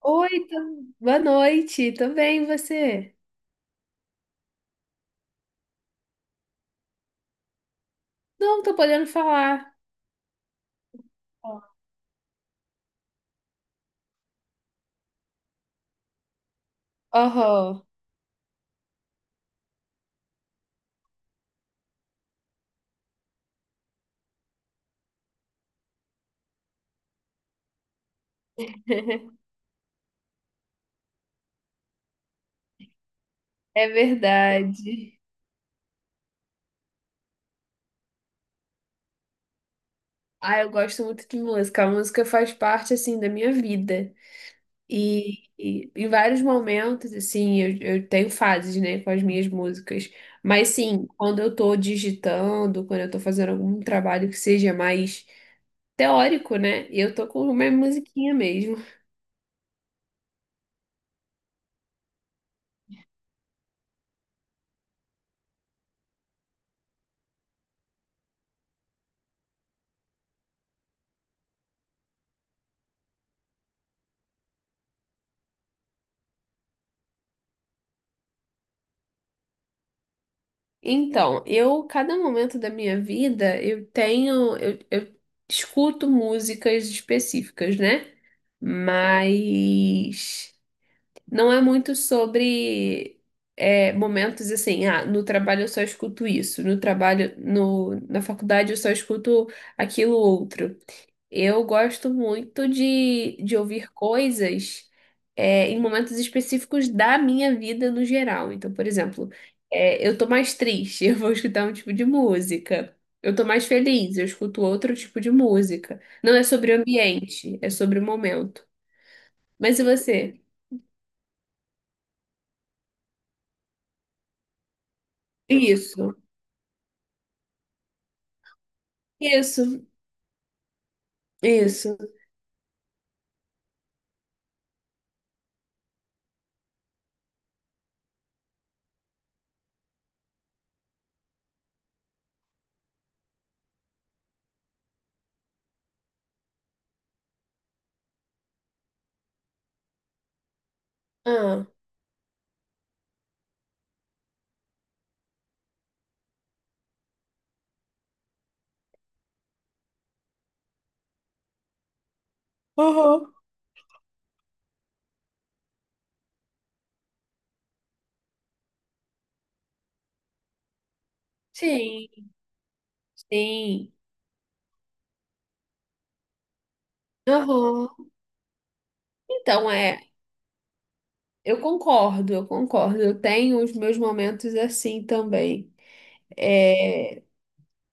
Oi, boa noite, tudo bem, e você? Não, tô podendo falar. Oh, é verdade. Ah, eu gosto muito de música. A música faz parte, assim, da minha vida. E em vários momentos, assim, eu tenho fases, né, com as minhas músicas. Mas, sim, quando eu tô digitando, quando eu tô fazendo algum trabalho que seja mais teórico, né, eu tô com uma musiquinha mesmo. Então, cada momento da minha vida, eu escuto músicas específicas, né? Mas não é muito sobre momentos assim, ah, no trabalho eu só escuto isso, no trabalho, no, na faculdade eu só escuto aquilo outro. Eu gosto muito de ouvir coisas em momentos específicos da minha vida no geral. Então, por exemplo, eu tô mais triste, eu vou escutar um tipo de música. Eu tô mais feliz, eu escuto outro tipo de música. Não é sobre o ambiente, é sobre o momento. Mas e você? Isso, isso, isso. Ah, aham. Sim, sim. Aham. Então, é. Eu concordo, eu concordo. Eu tenho os meus momentos assim também. É,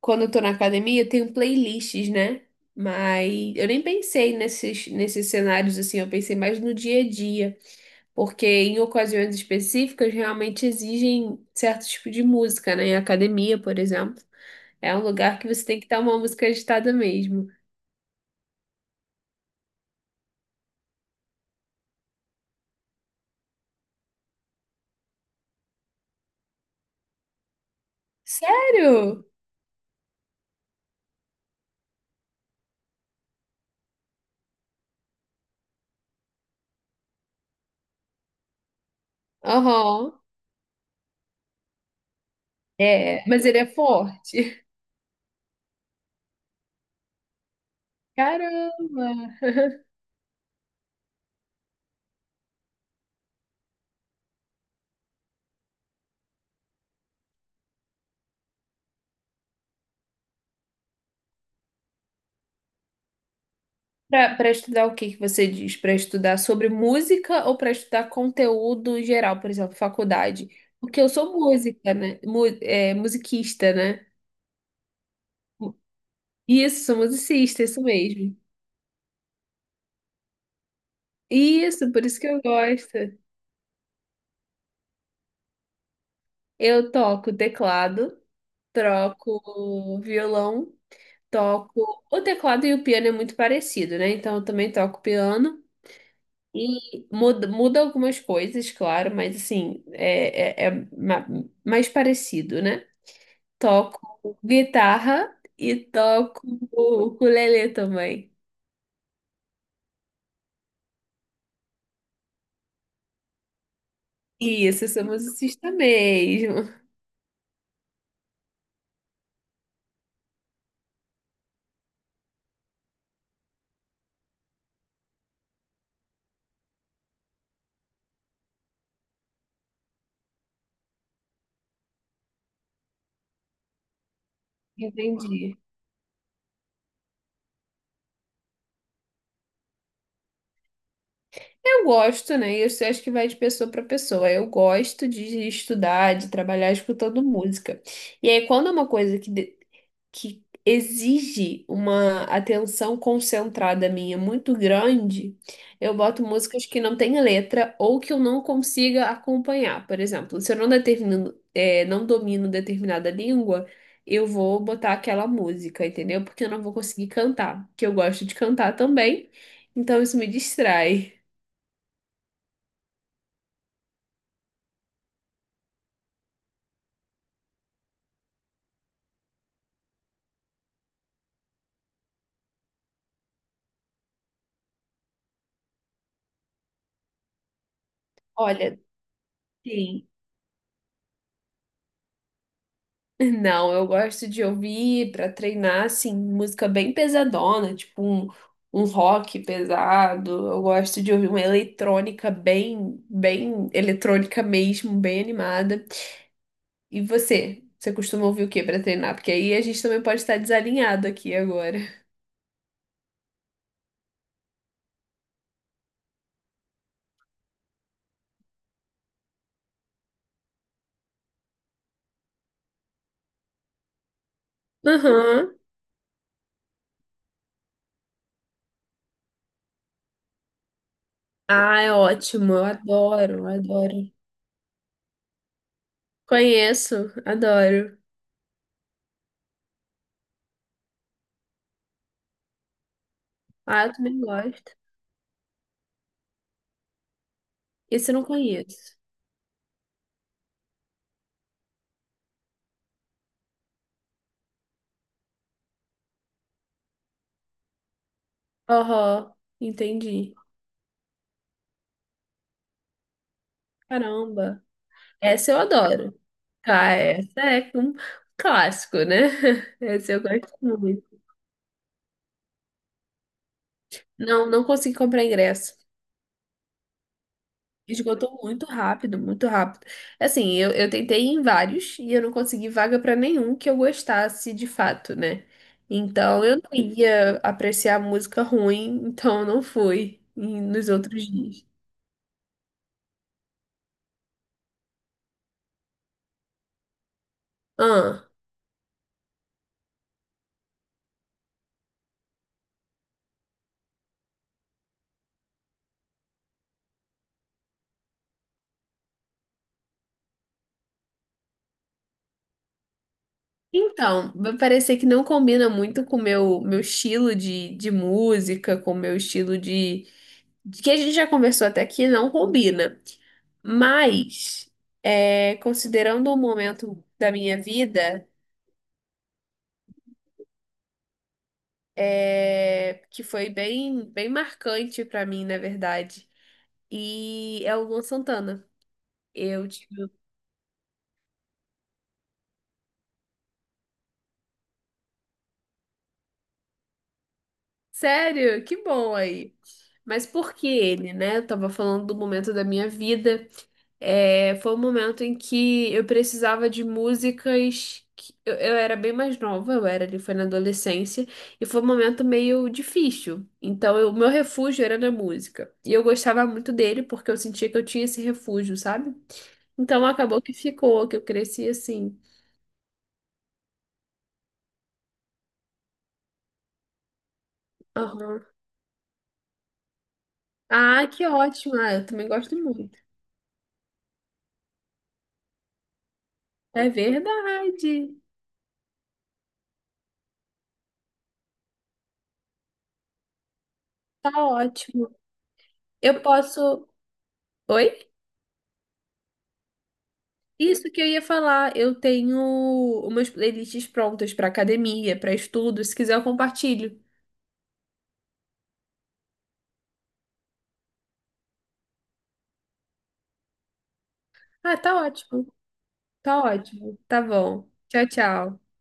quando eu tô na academia, eu tenho playlists, né? Mas eu nem pensei nesses cenários assim, eu pensei mais no dia a dia, porque em ocasiões específicas realmente exigem certo tipo de música, né? Em academia, por exemplo, é um lugar que você tem que estar uma música agitada mesmo. Sério? Aham. É, mas ele é forte. Caramba! Para estudar o que que você diz? Para estudar sobre música ou para estudar conteúdo geral, por exemplo, faculdade? Porque eu sou música, né? Musiquista, né? Isso, sou musicista, isso mesmo. Isso, por isso que eu gosto. Eu toco teclado, troco violão, toco. O teclado e o piano é muito parecido, né? Então eu também toco piano. E muda, muda algumas coisas, claro, mas assim, mais parecido, né? Toco guitarra e toco ukulele também. Isso, eu sou musicista mesmo. Entendi. Eu gosto, né? Isso eu acho que vai de pessoa para pessoa. Eu gosto de estudar, de trabalhar escutando música. E aí, quando é uma coisa que exige uma atenção concentrada minha muito grande, eu boto músicas que não têm letra ou que eu não consiga acompanhar. Por exemplo, se eu não determino, não domino determinada língua, eu vou botar aquela música, entendeu? Porque eu não vou conseguir cantar, que eu gosto de cantar também, então isso me distrai. Olha, sim. Não, eu gosto de ouvir para treinar, assim, música bem pesadona, tipo um rock pesado. Eu gosto de ouvir uma eletrônica bem, bem eletrônica mesmo, bem animada. E você? Você costuma ouvir o que para treinar? Porque aí a gente também pode estar desalinhado aqui agora. Aham. Ah, é ótimo. Eu adoro, eu adoro. Conheço, adoro. Ah, eu também gosto. Esse eu não conheço. Aham, entendi. Caramba. Essa eu adoro. Ah, essa é um clássico, né? Essa eu gosto muito. Não, não consegui comprar ingresso. Esgotou muito rápido, muito rápido. Assim, eu tentei em vários e eu não consegui vaga para nenhum que eu gostasse de fato, né? Então eu não ia apreciar música ruim, então eu não fui nos outros dias. Ah, então, vai parecer que não combina muito com o meu estilo de música, com o meu estilo de que a gente já conversou até aqui não combina, mas considerando um momento da minha vida que foi bem, bem marcante pra mim, na verdade, e é o Luan Santana. Eu tive. Sério? Que bom aí. Mas por que ele, né? Eu tava falando do momento da minha vida. É, foi um momento em que eu precisava de músicas. Eu era bem mais nova, eu era ali, foi na adolescência, e foi um momento meio difícil. Então, o meu refúgio era na música. E eu gostava muito dele porque eu sentia que eu tinha esse refúgio, sabe? Então, acabou que ficou, que eu cresci assim. Aham. Ah, que ótimo! Ah, eu também gosto muito. É verdade. Tá ótimo. Eu posso. Oi? Isso que eu ia falar, eu tenho umas playlists prontas para academia, para estudo, se quiser eu compartilho. Ah, tá ótimo, tá ótimo, tá bom. Tchau, tchau.